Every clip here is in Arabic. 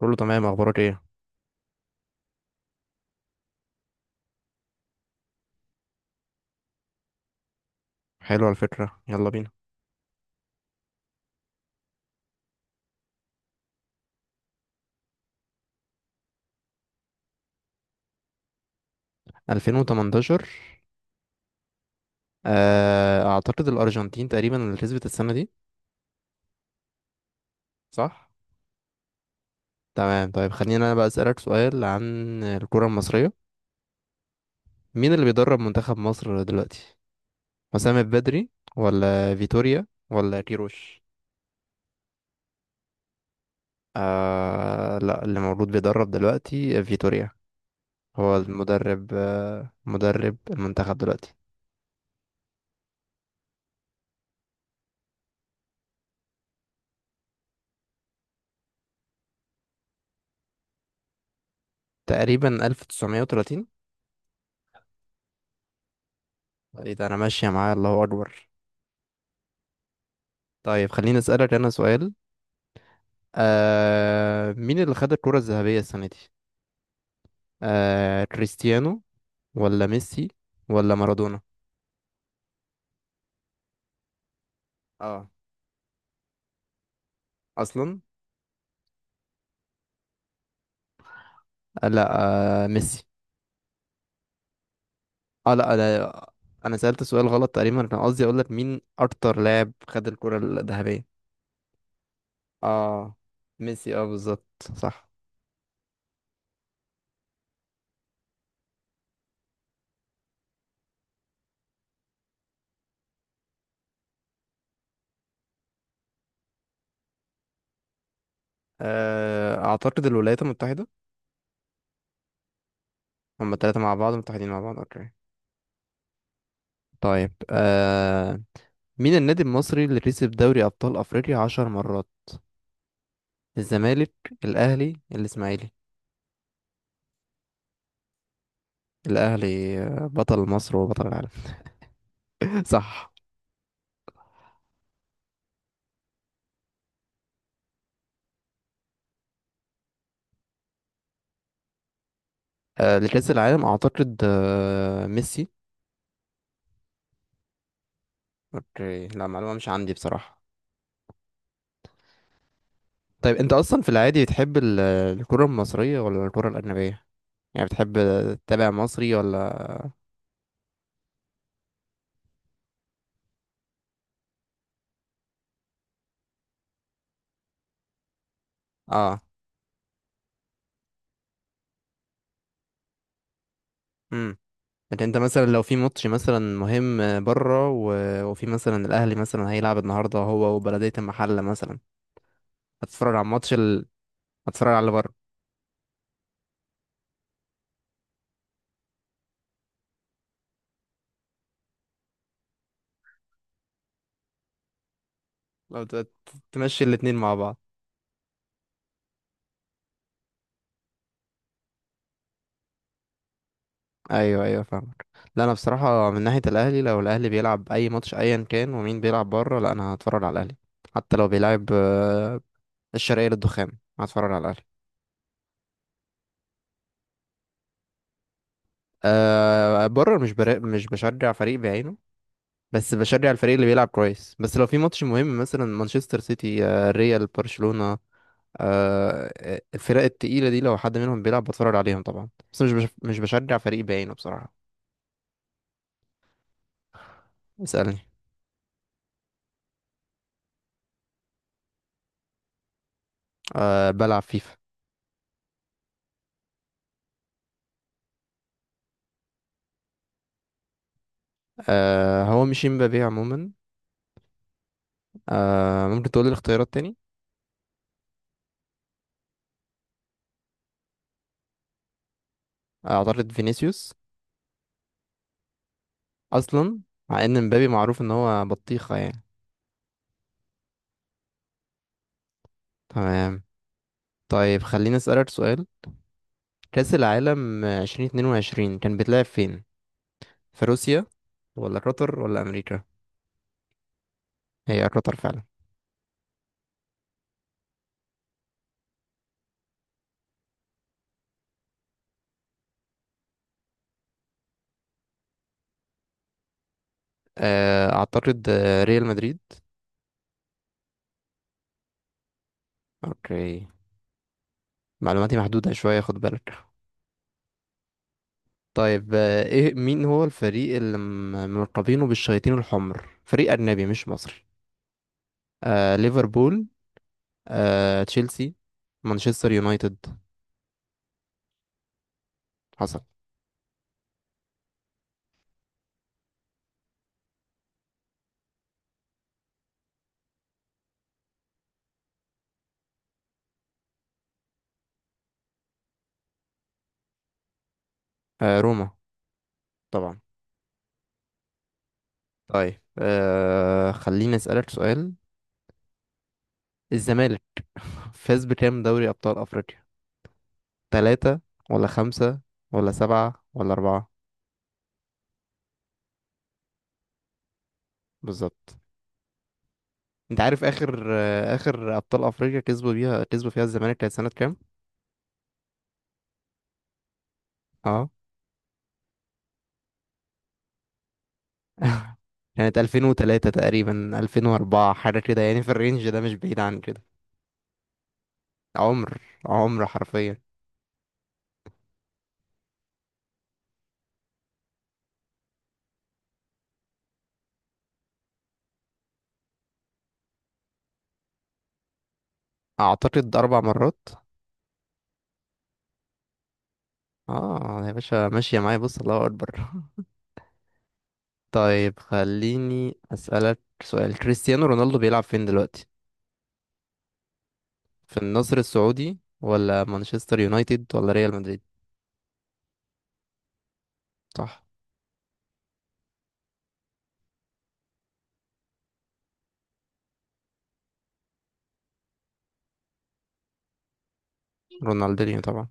كله تمام، اخبارك ايه؟ حلو، على فكرة يلا بينا. 2018؟ اعتقد الارجنتين تقريبا اللي كسبت السنة دي. صح. تمام، طيب خلينا، انا بقى اسالك سؤال عن الكرة المصرية. مين اللي بيدرب منتخب مصر دلوقتي؟ حسام البدري ولا فيتوريا ولا كيروش؟ آه لا، اللي موجود بيدرب دلوقتي فيتوريا. هو المدرب، مدرب المنتخب دلوقتي. تقريبا 1930. ايه ده، انا ماشية معاه، الله اكبر. طيب خليني اسألك أنا سؤال. مين اللي خد الكرة الذهبية السنة دي؟ كريستيانو ولا ميسي ولا مارادونا؟ اه. اصلا. آه لا. ميسي. اه لا، انا. سألت سؤال غلط، تقريبا كان قصدي اقول لك مين اكتر لاعب خد الكرة الذهبية. اه ميسي، اه بالظبط. صح. اعتقد الولايات المتحدة. هما التلاتة مع بعض، متحدين مع بعض، اوكي. طيب مين النادي المصري اللي كسب دوري ابطال افريقيا 10 مرات؟ الزمالك، الاهلي، الاسماعيلي؟ الاهلي بطل مصر وبطل العالم. صح. لكأس العالم اعتقد ميسي. اوكي، لا معلومة مش عندي بصراحة. طيب انت اصلا في العادي بتحب الكرة المصرية ولا الكرة الأجنبية؟ يعني بتحب تتابع مصري ولا؟ اه. امم. لكن انت مثلا لو في ماتش مثلا مهم بره وفي مثلا الاهلي مثلا هيلعب النهارده هو وبلدية المحلة مثلا، هتتفرج على هتتفرج على اللي بره. لو تمشي الاتنين مع بعض. ايوه ايوه، فاهمك. لا انا بصراحه من ناحيه الاهلي، لو الاهلي بيلعب اي ماتش ايا كان ومين بيلعب بره، لا انا هتفرج على الاهلي. حتى لو بيلعب الشرقيه للدخان، هتفرج على الاهلي. أه بره، مش بشجع فريق بعينه. بس بشجع الفريق اللي بيلعب كويس، بس لو في ماتش مهم مثلا مانشستر سيتي، ريال، برشلونه. أه الفرق التقيله دي لو حد منهم بيلعب بتفرج عليهم طبعا، بس مش بشجع فريق بعينه بصراحه. اسالني. أه بلعب فيفا. أه هو مش امبابي عموما. ممكن تقول لي الاختيارات تاني. اعترض فينيسيوس. اصلا. مع ان مبابي معروف ان هو بطيخة يعني. تمام. طيب خليني اسألك سؤال. كأس العالم 2022 كان بيتلعب فين؟ في روسيا ولا قطر ولا امريكا؟ هي قطر فعلا. اعترض، ريال مدريد. اوكي، معلوماتي محدودة شوية، خد بالك. طيب ايه مين هو الفريق اللي ملقبينه بالشياطين الحمر، فريق اجنبي مش مصري؟ ليفربول، تشيلسي، مانشستر يونايتد؟ حصل. روما. طبعا. طيب خليني أسألك سؤال. الزمالك فاز بكام دوري أبطال أفريقيا؟ ثلاثة ولا خمسة ولا سبعة ولا أربعة؟ بالظبط. أنت عارف آخر أبطال أفريقيا كسبوا بيها، كسبوا فيها الزمالك، كانت سنة كام؟ اه. كانت 2003 تقريبا، 2004 حاجة كده يعني، في الرينج ده، مش بعيد عن كده. عمر، عمر حرفيا. أعتقد 4 مرات. اه يا باشا، ماشية معايا، بص الله اكبر. طيب خليني اسألك سؤال، كريستيانو رونالدو بيلعب فين دلوقتي؟ في النصر السعودي ولا مانشستر يونايتد ولا ريال مدريد؟ صح. رونالدينيو طبعا.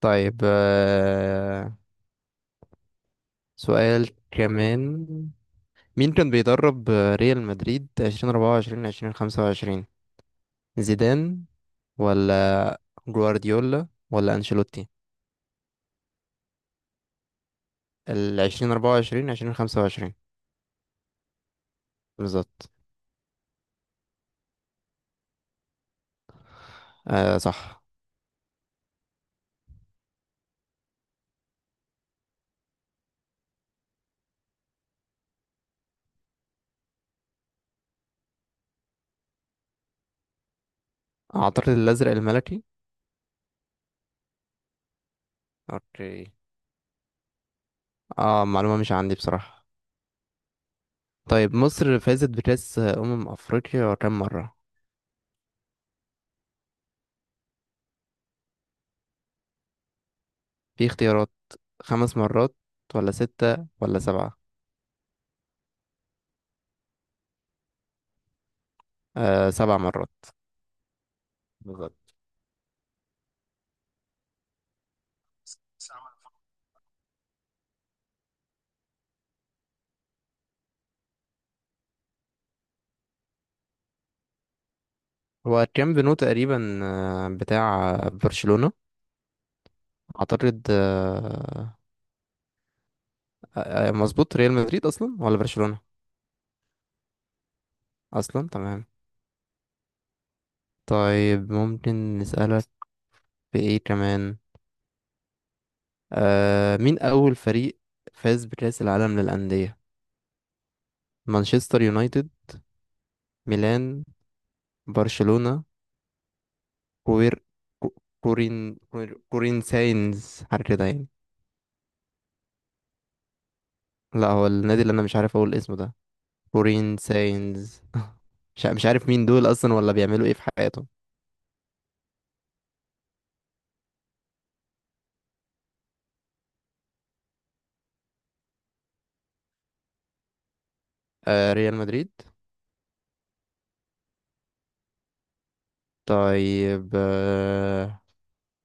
طيب سؤال كمان. مين كان بيدرب ريال مدريد 2024 2025؟ زيدان ولا جوارديولا ولا انشيلوتي؟ ال 2024 2025. بالظبط. آه صح. أعتقد الأزرق الملكي. اوكي. اه معلومة مش عندي بصراحة. طيب مصر فازت بكأس أمم أفريقيا كام مرة؟ في اختيارات، خمس مرات ولا ستة ولا سبعة؟ 7 مرات. بالظبط. هو كام بنو تقريبا، بتاع برشلونة. أعتقد مظبوط، ريال مدريد أصلا ولا برشلونة. أصلا تمام. طيب ممكن نسألك بإيه كمان. مين أول فريق فاز بكأس العالم للأندية؟ مانشستر يونايتد، ميلان، برشلونة، كوير كو- كورين كورين كورين ساينز، حاجة كده يعني. لا هو النادي اللي أنا مش عارف أقول اسمه ده، كورين ساينز. مش عارف مين دول أصلا ولا بيعملوا إيه في حياتهم. ريال مدريد. طيب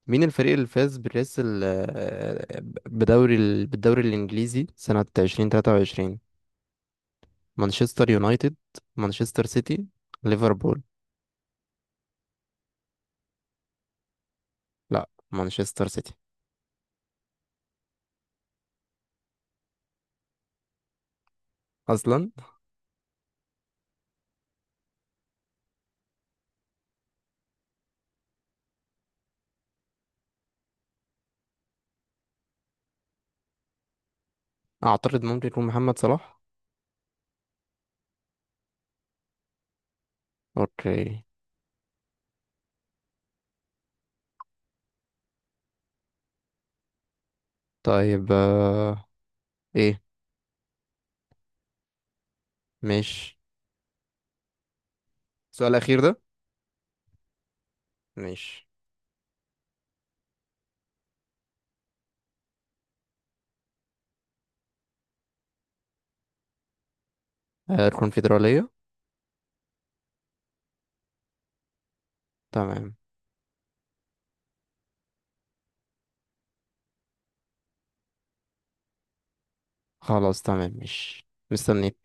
مين الفريق اللي فاز بريس ال- آه، بدوري ال- بالدوري الإنجليزي سنة 2023؟ مانشستر يونايتد، مانشستر سيتي، ليفربول؟ لا، مانشستر سيتي. اصلا. اعترض، ممكن يكون محمد صلاح. اوكي. طيب ايه؟ ماشي. السؤال الاخير ده ماشي. الكونفدرالية. تمام. خلاص تمام، ماشي، مستنيك.